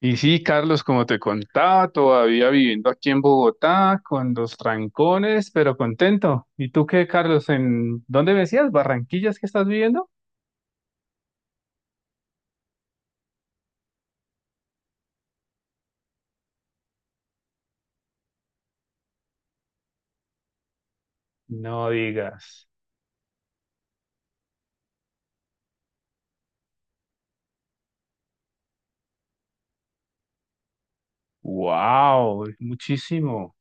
Y sí, Carlos, como te contaba, todavía viviendo aquí en Bogotá, con los trancones, pero contento. ¿Y tú qué, Carlos? ¿En dónde me decías? ¿Barranquillas que estás viviendo? No digas. ¡Wow! Muchísimo.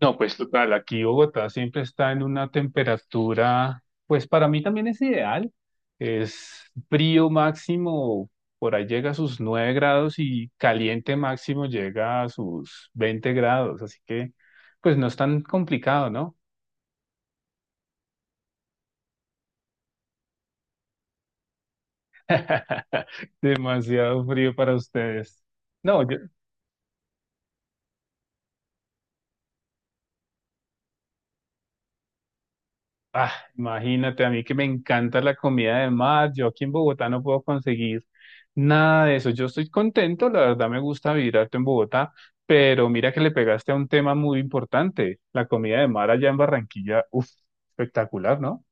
No, pues total, aquí Bogotá siempre está en una temperatura, pues para mí también es ideal, es frío máximo, por ahí llega a sus 9 grados y caliente máximo llega a sus 20 grados, así que pues no es tan complicado, ¿no? Demasiado frío para ustedes. No, yo. Ah, imagínate, a mí que me encanta la comida de mar. Yo aquí en Bogotá no puedo conseguir nada de eso. Yo estoy contento, la verdad me gusta vivir harto en Bogotá, pero mira que le pegaste a un tema muy importante, la comida de mar allá en Barranquilla, uff, espectacular, ¿no?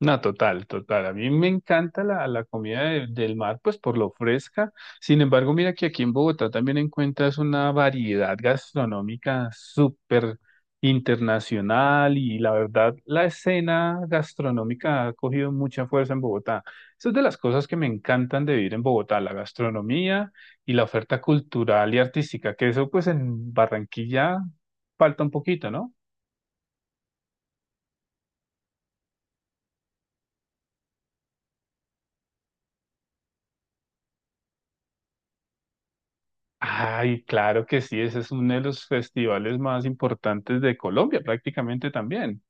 No, total, total. A mí me encanta la comida del mar, pues por lo fresca. Sin embargo, mira que aquí en Bogotá también encuentras una variedad gastronómica súper internacional y la verdad, la escena gastronómica ha cogido mucha fuerza en Bogotá. Eso es de las cosas que me encantan de vivir en Bogotá, la gastronomía y la oferta cultural y artística, que eso pues en Barranquilla falta un poquito, ¿no? Ay, claro que sí, ese es uno de los festivales más importantes de Colombia, prácticamente también.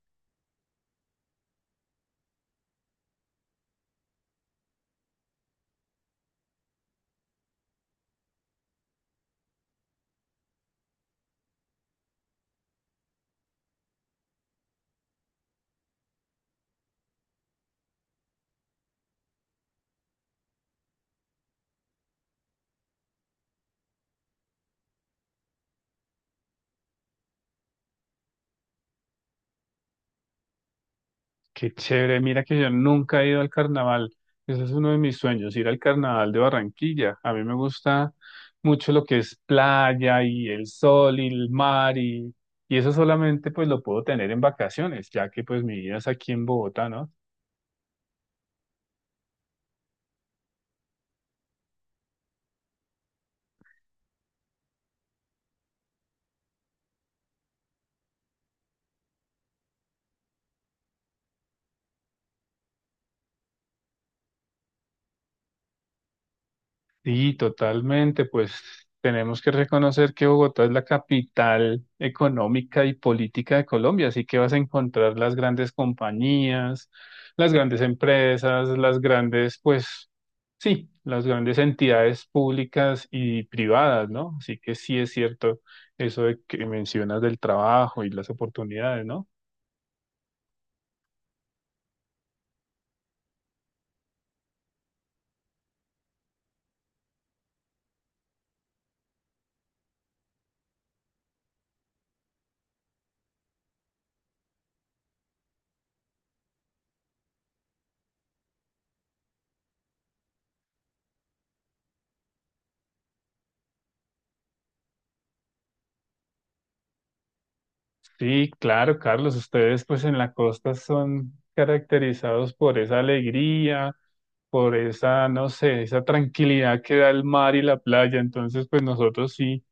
Qué chévere, mira que yo nunca he ido al carnaval. Ese es uno de mis sueños, ir al carnaval de Barranquilla. A mí me gusta mucho lo que es playa y el sol y el mar y eso solamente pues lo puedo tener en vacaciones, ya que pues mi vida es aquí en Bogotá, ¿no? Sí, totalmente. Pues tenemos que reconocer que Bogotá es la capital económica y política de Colombia, así que vas a encontrar las grandes compañías, las grandes empresas, las grandes, pues sí, las grandes entidades públicas y privadas, ¿no? Así que sí es cierto eso de que mencionas del trabajo y las oportunidades, ¿no? Sí, claro, Carlos, ustedes pues en la costa son caracterizados por esa alegría, por esa, no sé, esa tranquilidad que da el mar y la playa. Entonces, pues nosotros sí,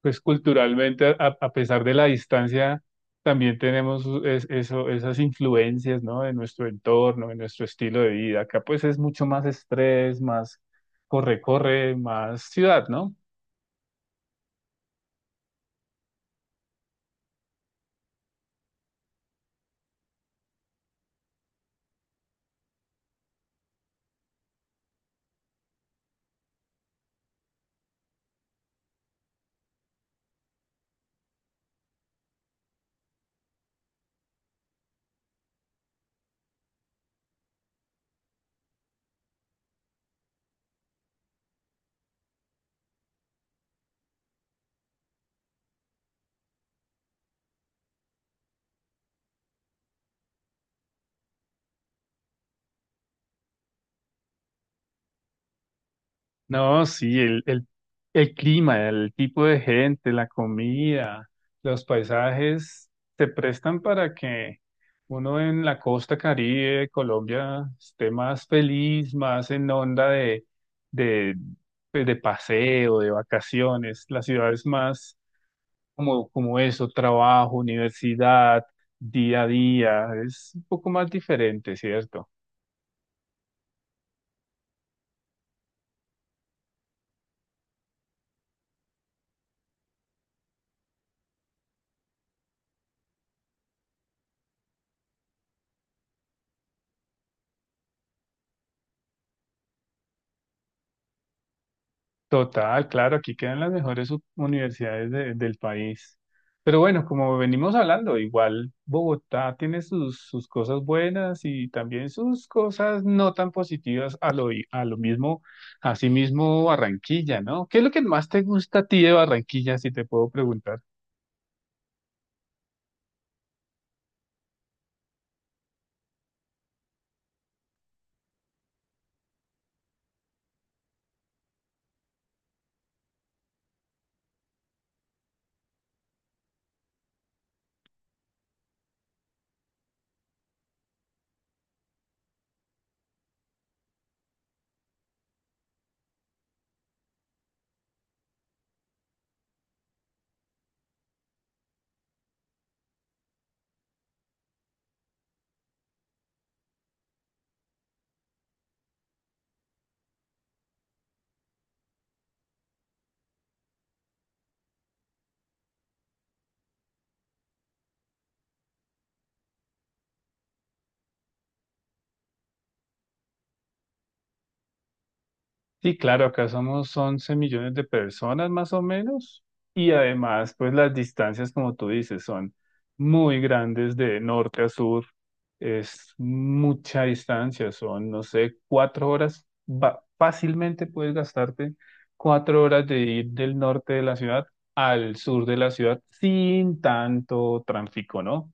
pues culturalmente, a pesar de la distancia, también tenemos eso, esas influencias, ¿no? De nuestro entorno, de nuestro estilo de vida. Acá pues es mucho más estrés, más corre-corre, más ciudad, ¿no? No, sí, el clima, el tipo de gente, la comida, los paisajes se prestan para que uno en la costa Caribe de Colombia esté más feliz, más en onda de, pues, de paseo, de vacaciones. La ciudad es más como eso, trabajo, universidad, día a día, es un poco más diferente, ¿cierto? Total, claro, aquí quedan las mejores universidades del país. Pero bueno, como venimos hablando, igual Bogotá tiene sus, sus cosas buenas y también sus cosas no tan positivas a lo, a lo mismo, así mismo Barranquilla, ¿no? ¿Qué es lo que más te gusta a ti de Barranquilla, si te puedo preguntar? Sí, claro, acá somos 11 millones de personas más o menos y además pues las distancias como tú dices son muy grandes de norte a sur, es mucha distancia, son no sé, 4 horas, fácilmente puedes gastarte 4 horas de ir del norte de la ciudad al sur de la ciudad sin tanto tráfico, ¿no?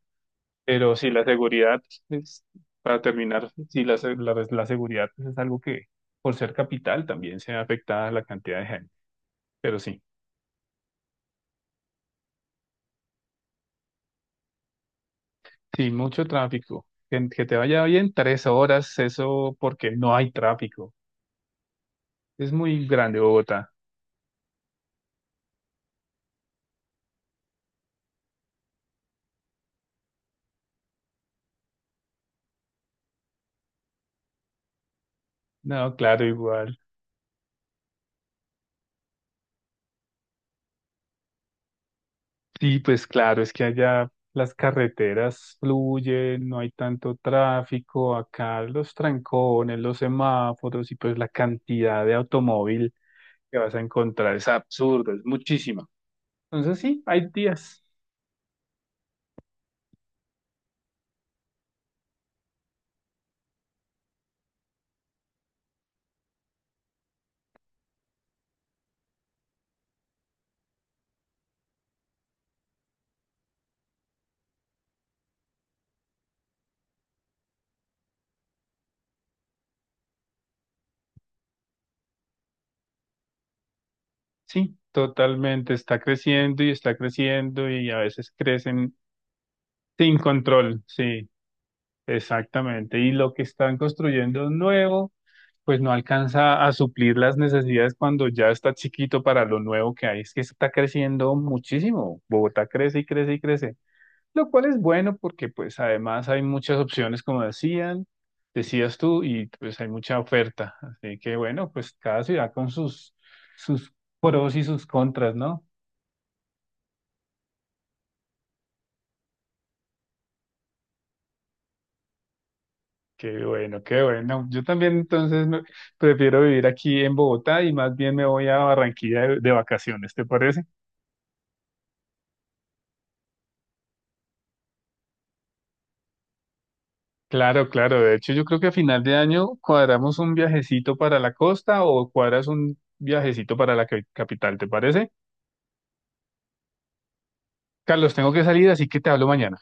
Pero sí, la seguridad es, para terminar, sí, la, la, seguridad pues, es algo que por ser capital también se ve afectada la cantidad de gente. Pero sí, sí, mucho tráfico. Que te vaya bien 3 horas, eso porque no hay tráfico. Es muy grande Bogotá. No, claro, igual. Sí, pues claro, es que allá las carreteras fluyen, no hay tanto tráfico, acá los trancones, los semáforos y pues la cantidad de automóvil que vas a encontrar es absurdo, es muchísima. Entonces sí, hay días, sí, totalmente, está creciendo y a veces crecen sin control, sí, exactamente. Y lo que están construyendo nuevo pues no alcanza a suplir las necesidades cuando ya está chiquito para lo nuevo que hay. Es que está creciendo muchísimo. Bogotá crece y crece y crece, lo cual es bueno porque pues además hay muchas opciones, como decían, decías tú, y pues hay mucha oferta. Así que bueno, pues cada ciudad con sus, sus pros y sus contras, ¿no? Qué bueno, qué bueno. Yo también entonces prefiero vivir aquí en Bogotá y más bien me voy a Barranquilla de vacaciones, ¿te parece? Claro, claro. De hecho, yo creo que a final de año cuadramos un viajecito para la costa o cuadras un viajecito para la capital, ¿te parece? Carlos, tengo que salir, así que te hablo mañana.